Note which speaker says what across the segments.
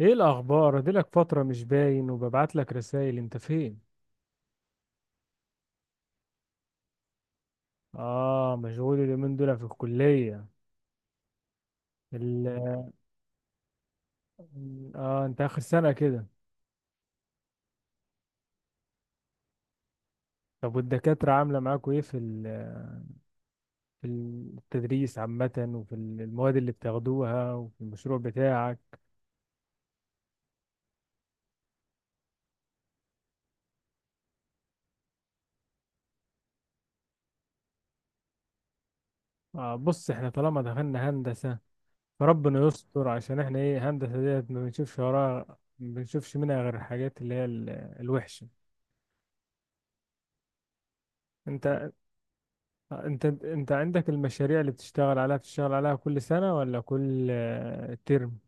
Speaker 1: ايه الاخبار؟ اديلك فتره مش باين وببعت لك رسائل، انت فين؟ اه، مشغول اليومين دول في الكليه. ال... اه انت اخر سنه كده؟ طب والدكاتره عامله معاكوا ايه في في التدريس عامه، وفي المواد اللي بتاخدوها، وفي المشروع بتاعك؟ آه بص، احنا طالما دخلنا هندسه فربنا يستر، عشان احنا ايه، هندسه ديت ما بنشوفش وراها، ما بنشوفش منها غير الحاجات اللي هي الوحشه. انت انت عندك المشاريع اللي بتشتغل عليها، بتشتغل عليها كل سنة ولا كل ترم؟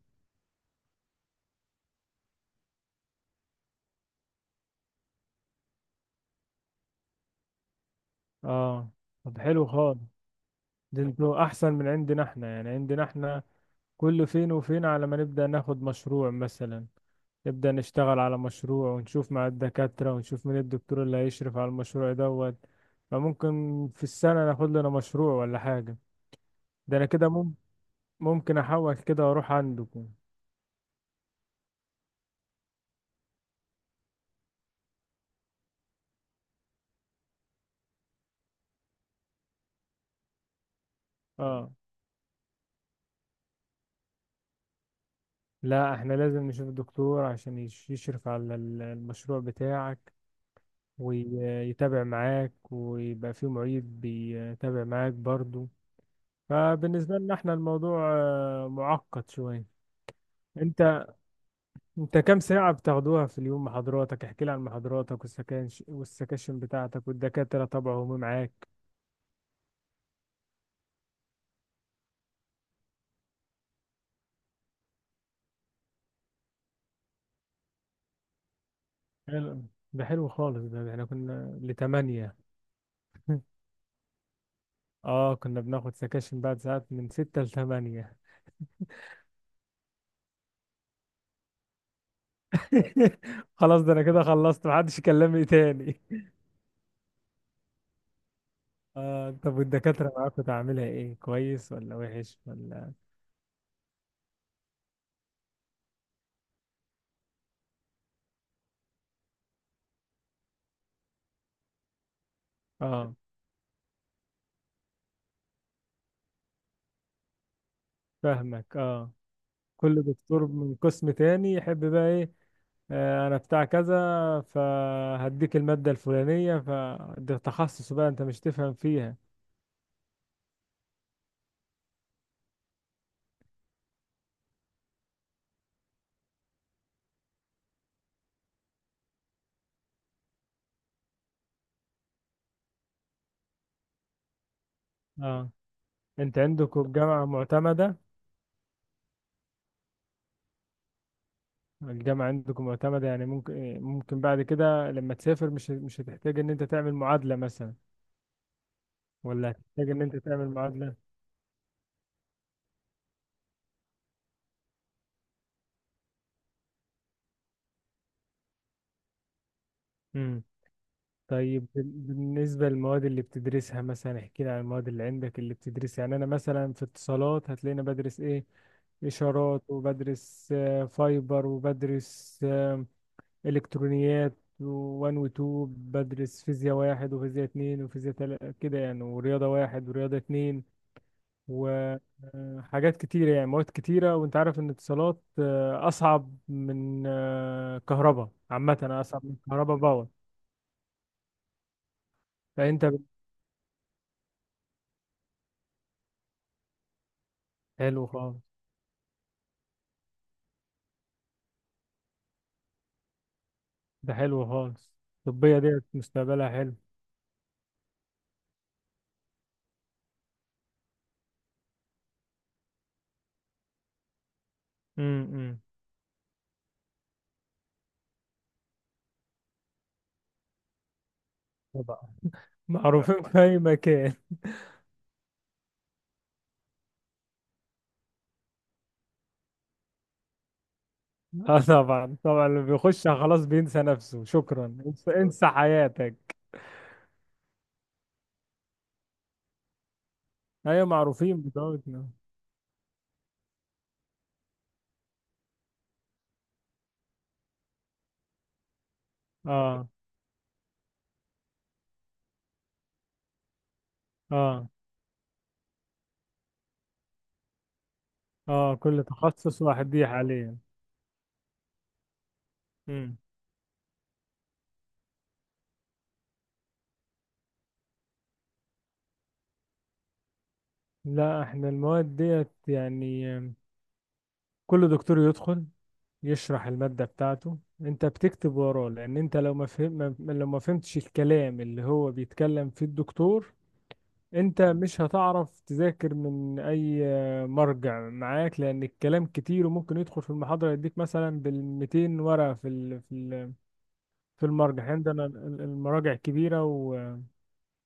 Speaker 1: اه. طب حلو خالص، ده انتوا احسن من عندنا، احنا يعني عندنا احنا كل فين وفين على ما نبدأ ناخد مشروع مثلا، نبدأ نشتغل على مشروع ونشوف مع الدكاترة ونشوف مين الدكتور اللي هيشرف على المشروع دوت. فممكن في السنة ناخد لنا مشروع ولا حاجة، ده أنا كده ممكن أحول كده وأروح عندكم. اه لا، احنا لازم نشوف الدكتور عشان يشرف على المشروع بتاعك، ويتابع معاك، ويبقى فيه معيد بيتابع معاك برضو. فبالنسبة لنا احنا الموضوع معقد شوية. انت كام ساعة بتاخدوها في اليوم محاضراتك؟ احكي لي عن محاضراتك والسكاش والسكاشن بتاعتك، والدكاترة طبعا هم معاك. حلو، ده حلو خالص، ده احنا كنا لتمانية. اه كنا بناخد سكاشن بعد ساعات من ستة لتمانية. خلاص، ده انا كده خلصت، محدش يكلمني تاني. آه طب والدكاترة معاك كنت عاملها ايه، كويس ولا وحش ولا؟ اه، فاهمك. اه، كل دكتور من قسم تاني يحب بقى ايه، آه انا بتاع كذا، فهديك المادة الفلانية، فده تخصص بقى انت مش تفهم فيها. اه انت عندكم الجامعة معتمدة؟ الجامعة عندكم معتمدة يعني ممكن، ممكن بعد كده لما تسافر مش، مش هتحتاج ان انت تعمل معادلة مثلا، ولا هتحتاج ان انت تعمل معادلة؟ طيب بالنسبة للمواد اللي بتدرسها، مثلا احكي لي عن المواد اللي عندك اللي بتدرسها. يعني أنا مثلا في اتصالات هتلاقيني بدرس إيه؟ إشارات، وبدرس فايبر، وبدرس إلكترونيات وان وتو، بدرس فيزياء واحد وفيزياء اتنين وفيزياء تلاتة كده يعني، ورياضة واحد ورياضة اتنين، وحاجات كتيرة يعني مواد كتيرة. وانت عارف ان اتصالات أصعب من كهرباء عامة، أصعب من كهرباء باور. فانت حلو خالص، ده حلو خالص. الطبية ديت مستقبلها حلو. امم. طبعا معروفين في أي مكان. اه طبعا طبعا، اللي بيخشها خلاص بينسى نفسه، شكرا انسى, انسى حياتك. أيوة معروفين بتوعنا. اه. اه. اه كل تخصص واحد دي حاليا. امم. لا احنا المواد ديت يعني كل دكتور يدخل يشرح المادة بتاعته، انت بتكتب وراه، لان انت لو ما فهم، لو ما فهمتش الكلام اللي هو بيتكلم فيه الدكتور، انت مش هتعرف تذاكر من اي مرجع معاك، لان الكلام كتير. وممكن يدخل في المحاضرة يديك مثلا بالميتين ورقة في في في المرجع. يعني عندنا المراجع كبيرة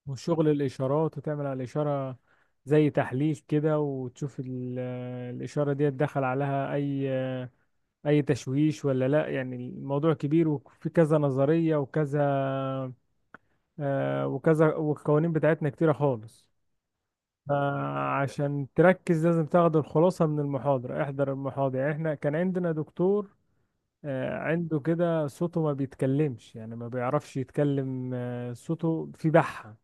Speaker 1: وشغل الاشارات، وتعمل على الاشارة زي تحليل كده، وتشوف الاشارة دي دخل عليها اي، اي تشويش ولا لا. يعني الموضوع كبير، وفي كذا نظرية وكذا، وكذا، والقوانين بتاعتنا كتيرة خالص. عشان تركز لازم تاخد الخلاصة من المحاضرة، احضر المحاضرة. يعني احنا كان عندنا دكتور عنده كده صوته ما بيتكلمش، يعني ما بيعرفش يتكلم، صوته في بحة،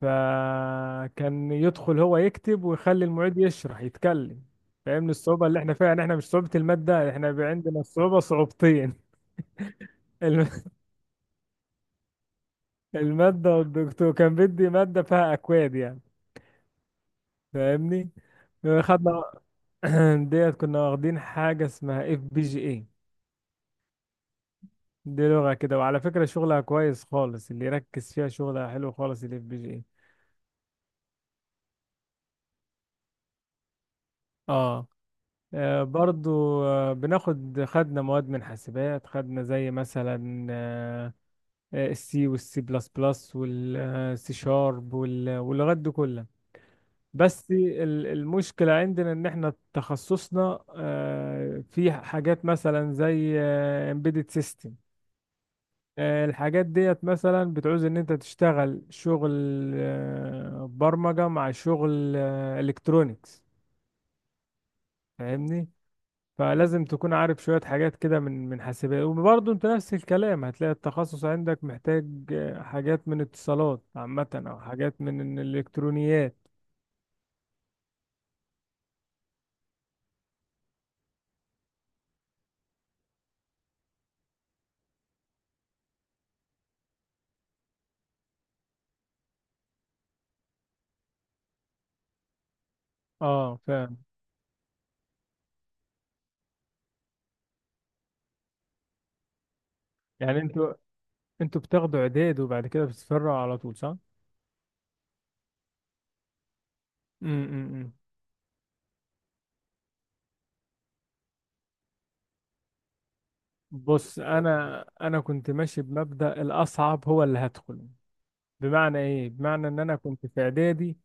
Speaker 1: فكان يدخل هو يكتب ويخلي المعيد يشرح يتكلم. فاهمني الصعوبة اللي احنا فيها؟ يعني احنا مش صعوبة المادة، احنا عندنا الصعوبة صعوبتين. الم- المادة، والدكتور كان بدي مادة فيها أكواد يعني، فاهمني؟ خدنا ديت كنا واخدين حاجة اسمها FPGA. دي لغة كده، وعلى فكرة شغلها كويس خالص، اللي يركز فيها شغلها حلو خالص، الFPGA. اه. برضو، بناخد خدنا مواد من حاسبات، خدنا زي مثلا الC والسي بلس بلس والسي شارب واللغات دي كلها. بس المشكلة عندنا ان احنا تخصصنا في حاجات مثلا زي امبيدد سيستم. الحاجات ديت مثلا بتعوز ان انت تشتغل شغل برمجة مع شغل الكترونيكس، فاهمني؟ فلازم تكون عارف شوية حاجات كده من حاسبات، وبرضه انت نفس الكلام هتلاقي التخصص عندك محتاج حاجات من اتصالات عامة او حاجات من الالكترونيات. اه فاهم. يعني انتوا بتاخدوا اعداد وبعد كده بتتفرعوا على طول صح؟ امم. بص، انا كنت ماشي بمبدأ الاصعب هو اللي هدخل. بمعنى ايه؟ بمعنى ان انا كنت في اعدادي،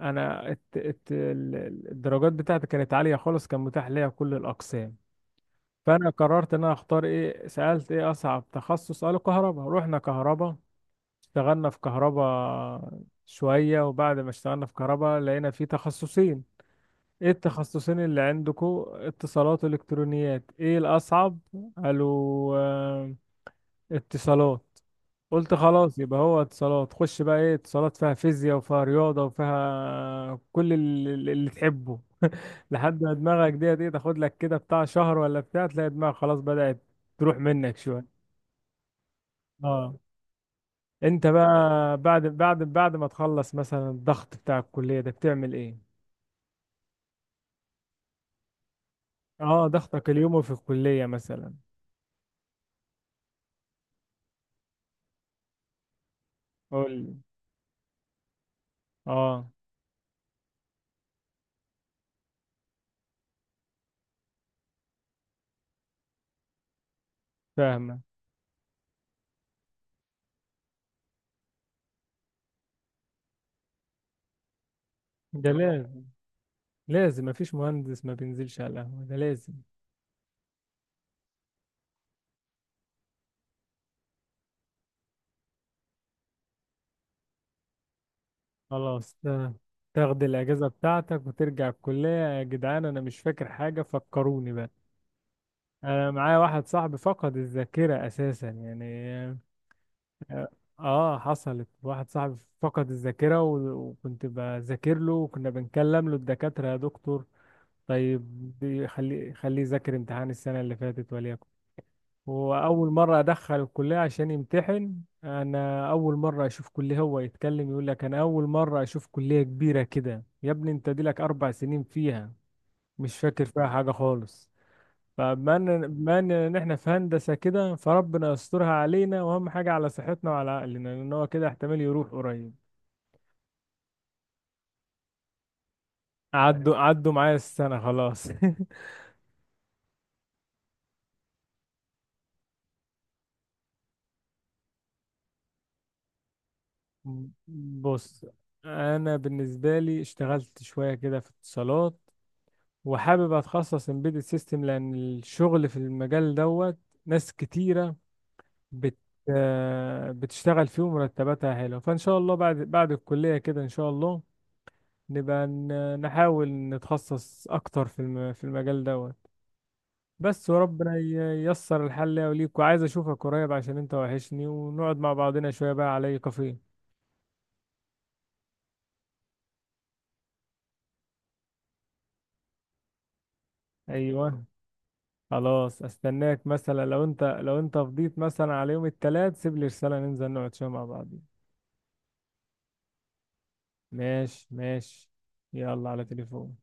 Speaker 1: انا الدرجات بتاعتي كانت عاليه خالص، كان متاح ليا كل الاقسام. فانا قررت ان انا اختار ايه، سالت ايه اصعب تخصص، قالوا كهرباء، رحنا كهرباء. اشتغلنا في كهرباء شويه، وبعد ما اشتغلنا في كهرباء لقينا في تخصصين. ايه التخصصين اللي عندكم؟ اتصالات والكترونيات. ايه الاصعب؟ قالوا اتصالات. قلت خلاص يبقى هو اتصالات. خش بقى، ايه اتصالات؟ فيها فيزياء وفيها رياضة وفيها كل اللي, اللي تحبه، لحد ما دماغك ديت ايه، تاخد لك كده بتاع شهر ولا بتاع، تلاقي دماغك خلاص بدأت تروح منك شوية. اه انت بقى بعد ما تخلص مثلا الضغط بتاع الكلية ده بتعمل ايه؟ اه ضغطك اليومي في الكلية مثلا. قول لي. اه. فاهمة. ده لازم، لازم، مفيش مهندس ما بينزلش على القهوة، ده لازم. خلاص تمام. تاخد الاجازه بتاعتك وترجع الكليه. يا جدعان انا مش فاكر حاجه، فكروني بقى. انا معايا واحد صاحبي فقد الذاكره اساسا، يعني اه. حصلت، واحد صاحبي فقد الذاكره وكنت بذاكر له، وكنا بنكلم له الدكاتره، يا دكتور طيب خليه يذاكر امتحان السنه اللي فاتت وليكن. وأول مرة أدخل الكلية عشان يمتحن، أنا أول مرة أشوف كلية، هو يتكلم يقول لك أنا أول مرة أشوف كلية كبيرة كده، يا ابني أنت دي لك 4 سنين فيها، مش فاكر فيها حاجة خالص. فبما إن- بما إن إن إحنا في هندسة كده، فربنا يسترها علينا، وأهم حاجة على صحتنا وعلى عقلنا، لأن هو كده احتمال يروح قريب. عدوا معايا السنة خلاص. بص أنا بالنسبة لي اشتغلت شوية كده في اتصالات، وحابب اتخصص امبيدد سيستم، لان الشغل في المجال دوت ناس كتيره بت بتشتغل فيه ومرتباتها حلوه. فان شاء الله بعد الكليه كده ان شاء الله نبقى نحاول نتخصص اكتر في في المجال دوت بس، وربنا ييسر الحل ليا وليك. وعايز اشوفك قريب عشان انت وحشني، ونقعد مع بعضنا شويه بقى على اي كافيه. ايوه، خلاص استناك مثلا، لو انت، لو انت فضيت مثلا على يوم التلات سيب لي رساله، ننزل نقعد شويه مع بعض. ماشي. يلا على تليفون.